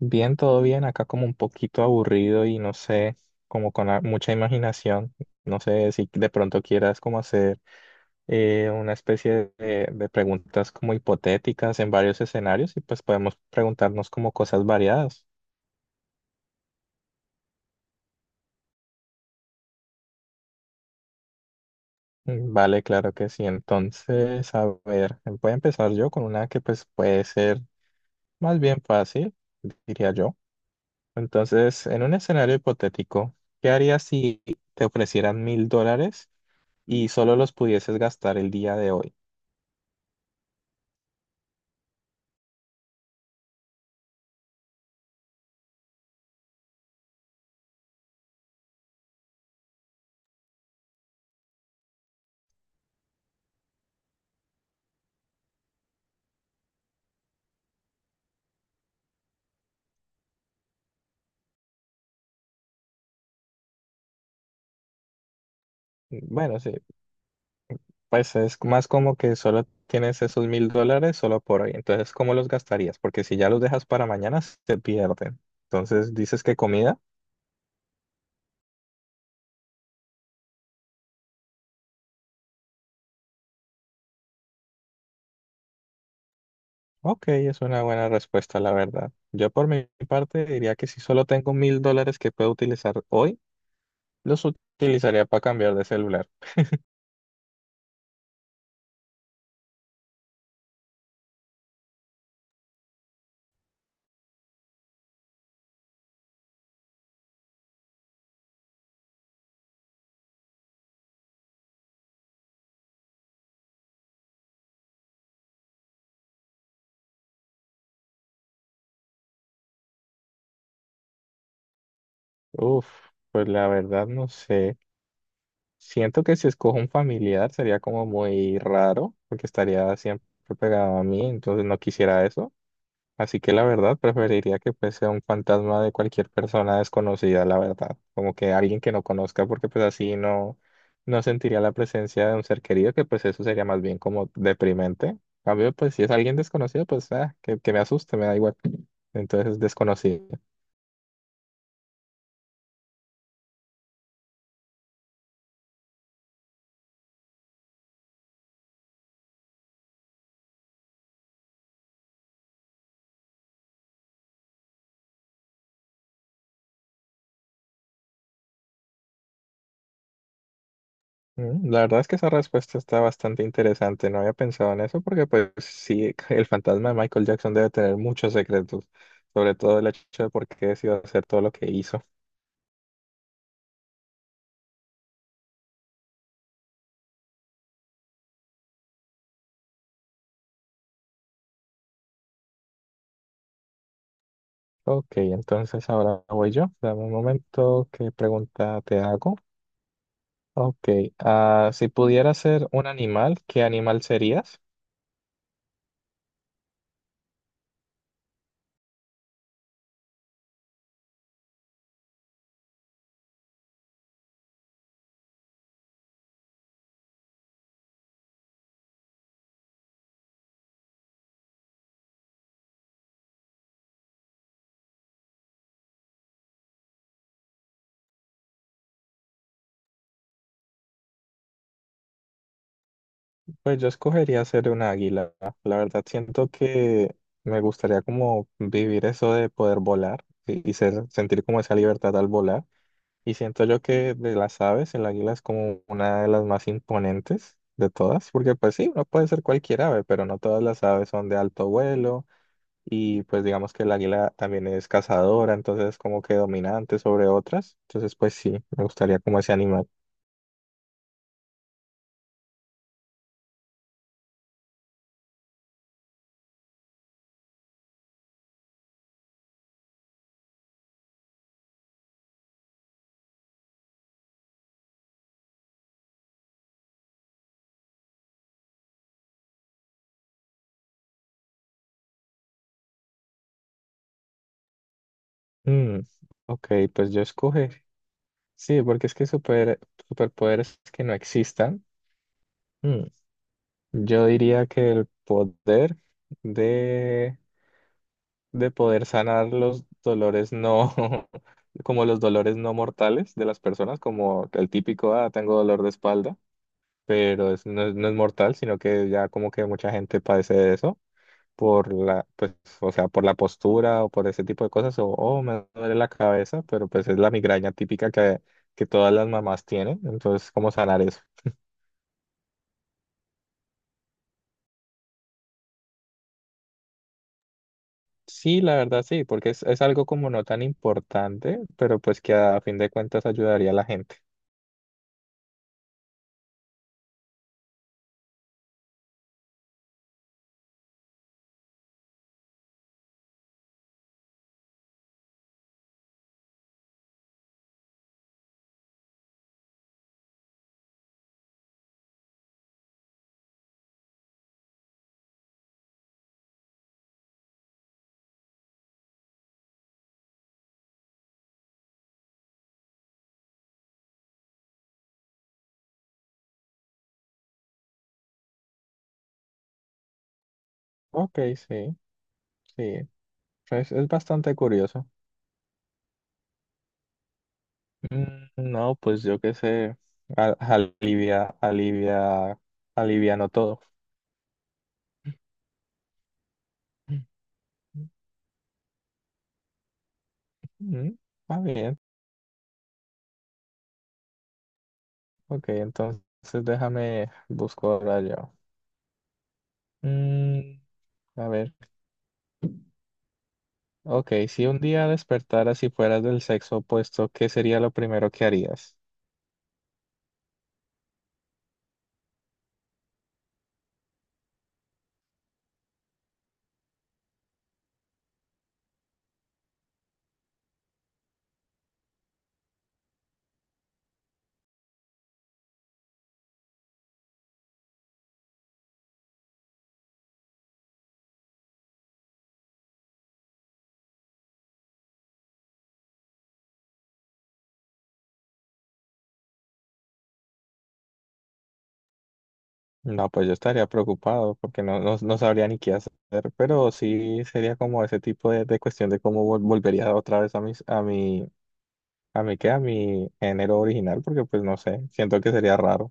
Bien, todo bien, acá como un poquito aburrido y no sé, como con mucha imaginación, no sé si de pronto quieras como hacer una especie de preguntas como hipotéticas en varios escenarios y pues podemos preguntarnos como cosas variadas. Mm, vale, claro que sí. Entonces, a ver, voy a empezar yo con una que pues puede ser más bien fácil, diría yo. Entonces, en un escenario hipotético, ¿qué harías si te ofrecieran $1000, y solo los pudieses gastar el día de hoy? Bueno, sí, pues es más como que solo tienes esos $1000 solo por hoy. Entonces, ¿cómo los gastarías? Porque si ya los dejas para mañana, se pierden. Entonces, ¿dices que comida? Ok, es una buena respuesta, la verdad. Yo por mi parte diría que si solo tengo $1000 que puedo utilizar hoy, los utilizaría para cambiar de celular. Uf, pues la verdad no sé. Siento que si escojo un familiar sería como muy raro, porque estaría siempre pegado a mí, entonces no quisiera eso. Así que la verdad preferiría que pues sea un fantasma de cualquier persona desconocida, la verdad. Como que alguien que no conozca, porque pues así no, no sentiría la presencia de un ser querido, que pues eso sería más bien como deprimente. En cambio, pues si es alguien desconocido, pues ah, que me asuste, me da igual. Entonces desconocido. Mm, la verdad es que esa respuesta está bastante interesante. No había pensado en eso porque, pues, sí, el fantasma de Michael Jackson debe tener muchos secretos, sobre todo el hecho de por qué decidió hacer todo lo que hizo. Ok, entonces ahora voy yo. Dame un momento, ¿qué pregunta te hago? Ok, ah, si pudieras ser un animal, ¿qué animal serías? Pues yo escogería ser un águila. La verdad siento que me gustaría como vivir eso de poder volar y sentir como esa libertad al volar. Y siento yo que de las aves, el águila es como una de las más imponentes de todas, porque pues sí, no puede ser cualquier ave, pero no todas las aves son de alto vuelo y pues digamos que el águila también es cazadora, entonces es como que dominante sobre otras, entonces pues sí, me gustaría como ese animal. Mm, ok, pues yo escoge, sí, porque es que superpoderes que no existan. Mm, yo diría que el poder de... de poder sanar los dolores no, como los dolores no mortales de las personas, como el típico, ah, tengo dolor de espalda, pero es no es mortal, sino que ya como que mucha gente padece de eso por la, pues, o sea, por la postura o por ese tipo de cosas, o, oh, me duele la cabeza, pero pues es la migraña típica que todas las mamás tienen, entonces, ¿cómo sanar eso? Sí, la verdad sí, porque es algo como no tan importante, pero pues que a fin de cuentas ayudaría a la gente. Ok, sí. Sí, es bastante curioso. Mm, no, pues yo qué sé, a- alivia, alivia, aliviano todo. Mm, va bien, ok, entonces déjame busco ahora yo. Mm, a ver, ok, si un día despertaras y fueras del sexo opuesto, ¿qué sería lo primero que harías? No, pues yo estaría preocupado porque no sabría ni qué hacer, pero sí sería como ese tipo de cuestión de cómo volvería otra vez a mis, a mi, a mí queda mi género original porque pues no sé, siento que sería raro.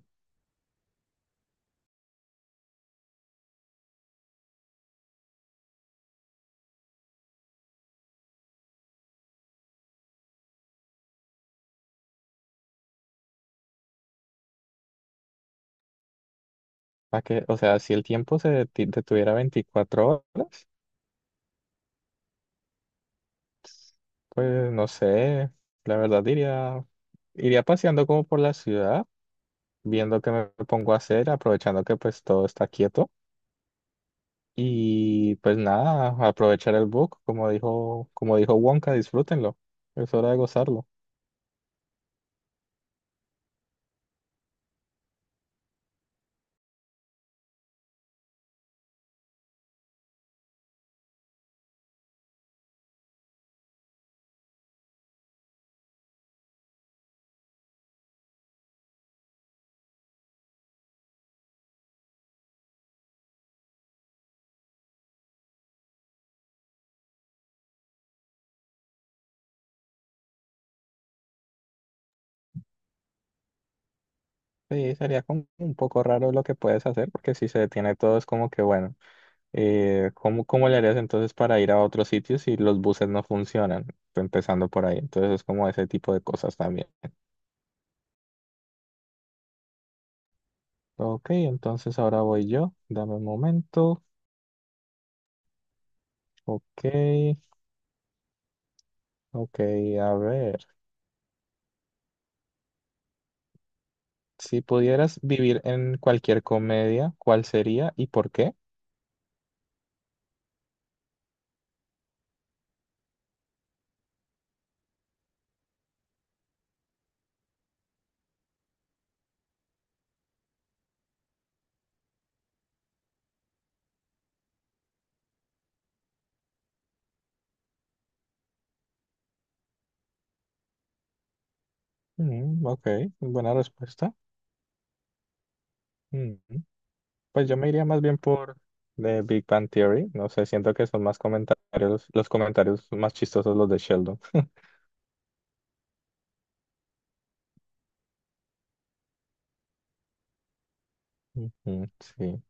Más que, o sea, si el tiempo se detuviera 24 horas, pues no sé, la verdad diría, iría paseando como por la ciudad, viendo qué me pongo a hacer, aprovechando que pues todo está quieto y pues nada, aprovechar el book, como dijo Wonka, disfrútenlo, es hora de gozarlo. Sí, sería como un poco raro lo que puedes hacer porque si se detiene todo es como que bueno. ¿Cómo, cómo le harías entonces para ir a otros sitios si los buses no funcionan? Empezando por ahí. Entonces es como ese tipo de cosas también. Ok, entonces ahora voy yo. Dame un momento. Ok, ok, a ver. Si pudieras vivir en cualquier comedia, ¿cuál sería y por qué? Mm, ok, buena respuesta. Mm, pues yo me iría más bien por The Big Bang Theory. No sé, siento que son más comentarios, los comentarios más chistosos los de Sheldon. Ujú, sí.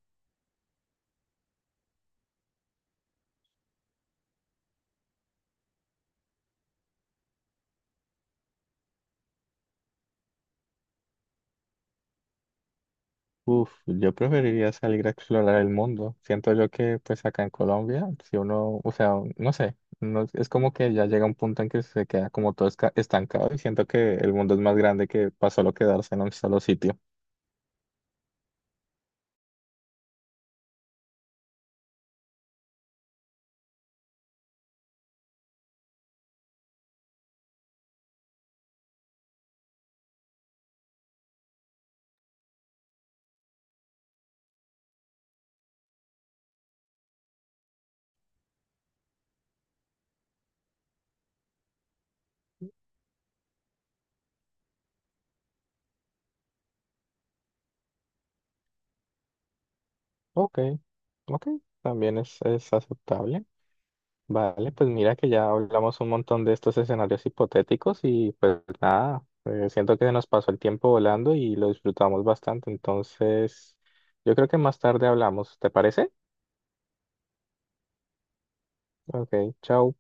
Uf, yo preferiría salir a explorar el mundo. Siento yo que pues acá en Colombia, si uno, o sea, no sé, no, es como que ya llega un punto en que se queda como todo estancado y siento que el mundo es más grande que para solo quedarse en un solo sitio. Ok, ok, también es aceptable. Vale, pues mira que ya hablamos un montón de estos escenarios hipotéticos y pues nada, siento que se nos pasó el tiempo volando y lo disfrutamos bastante, entonces yo creo que más tarde hablamos, ¿te parece? Ok, chao.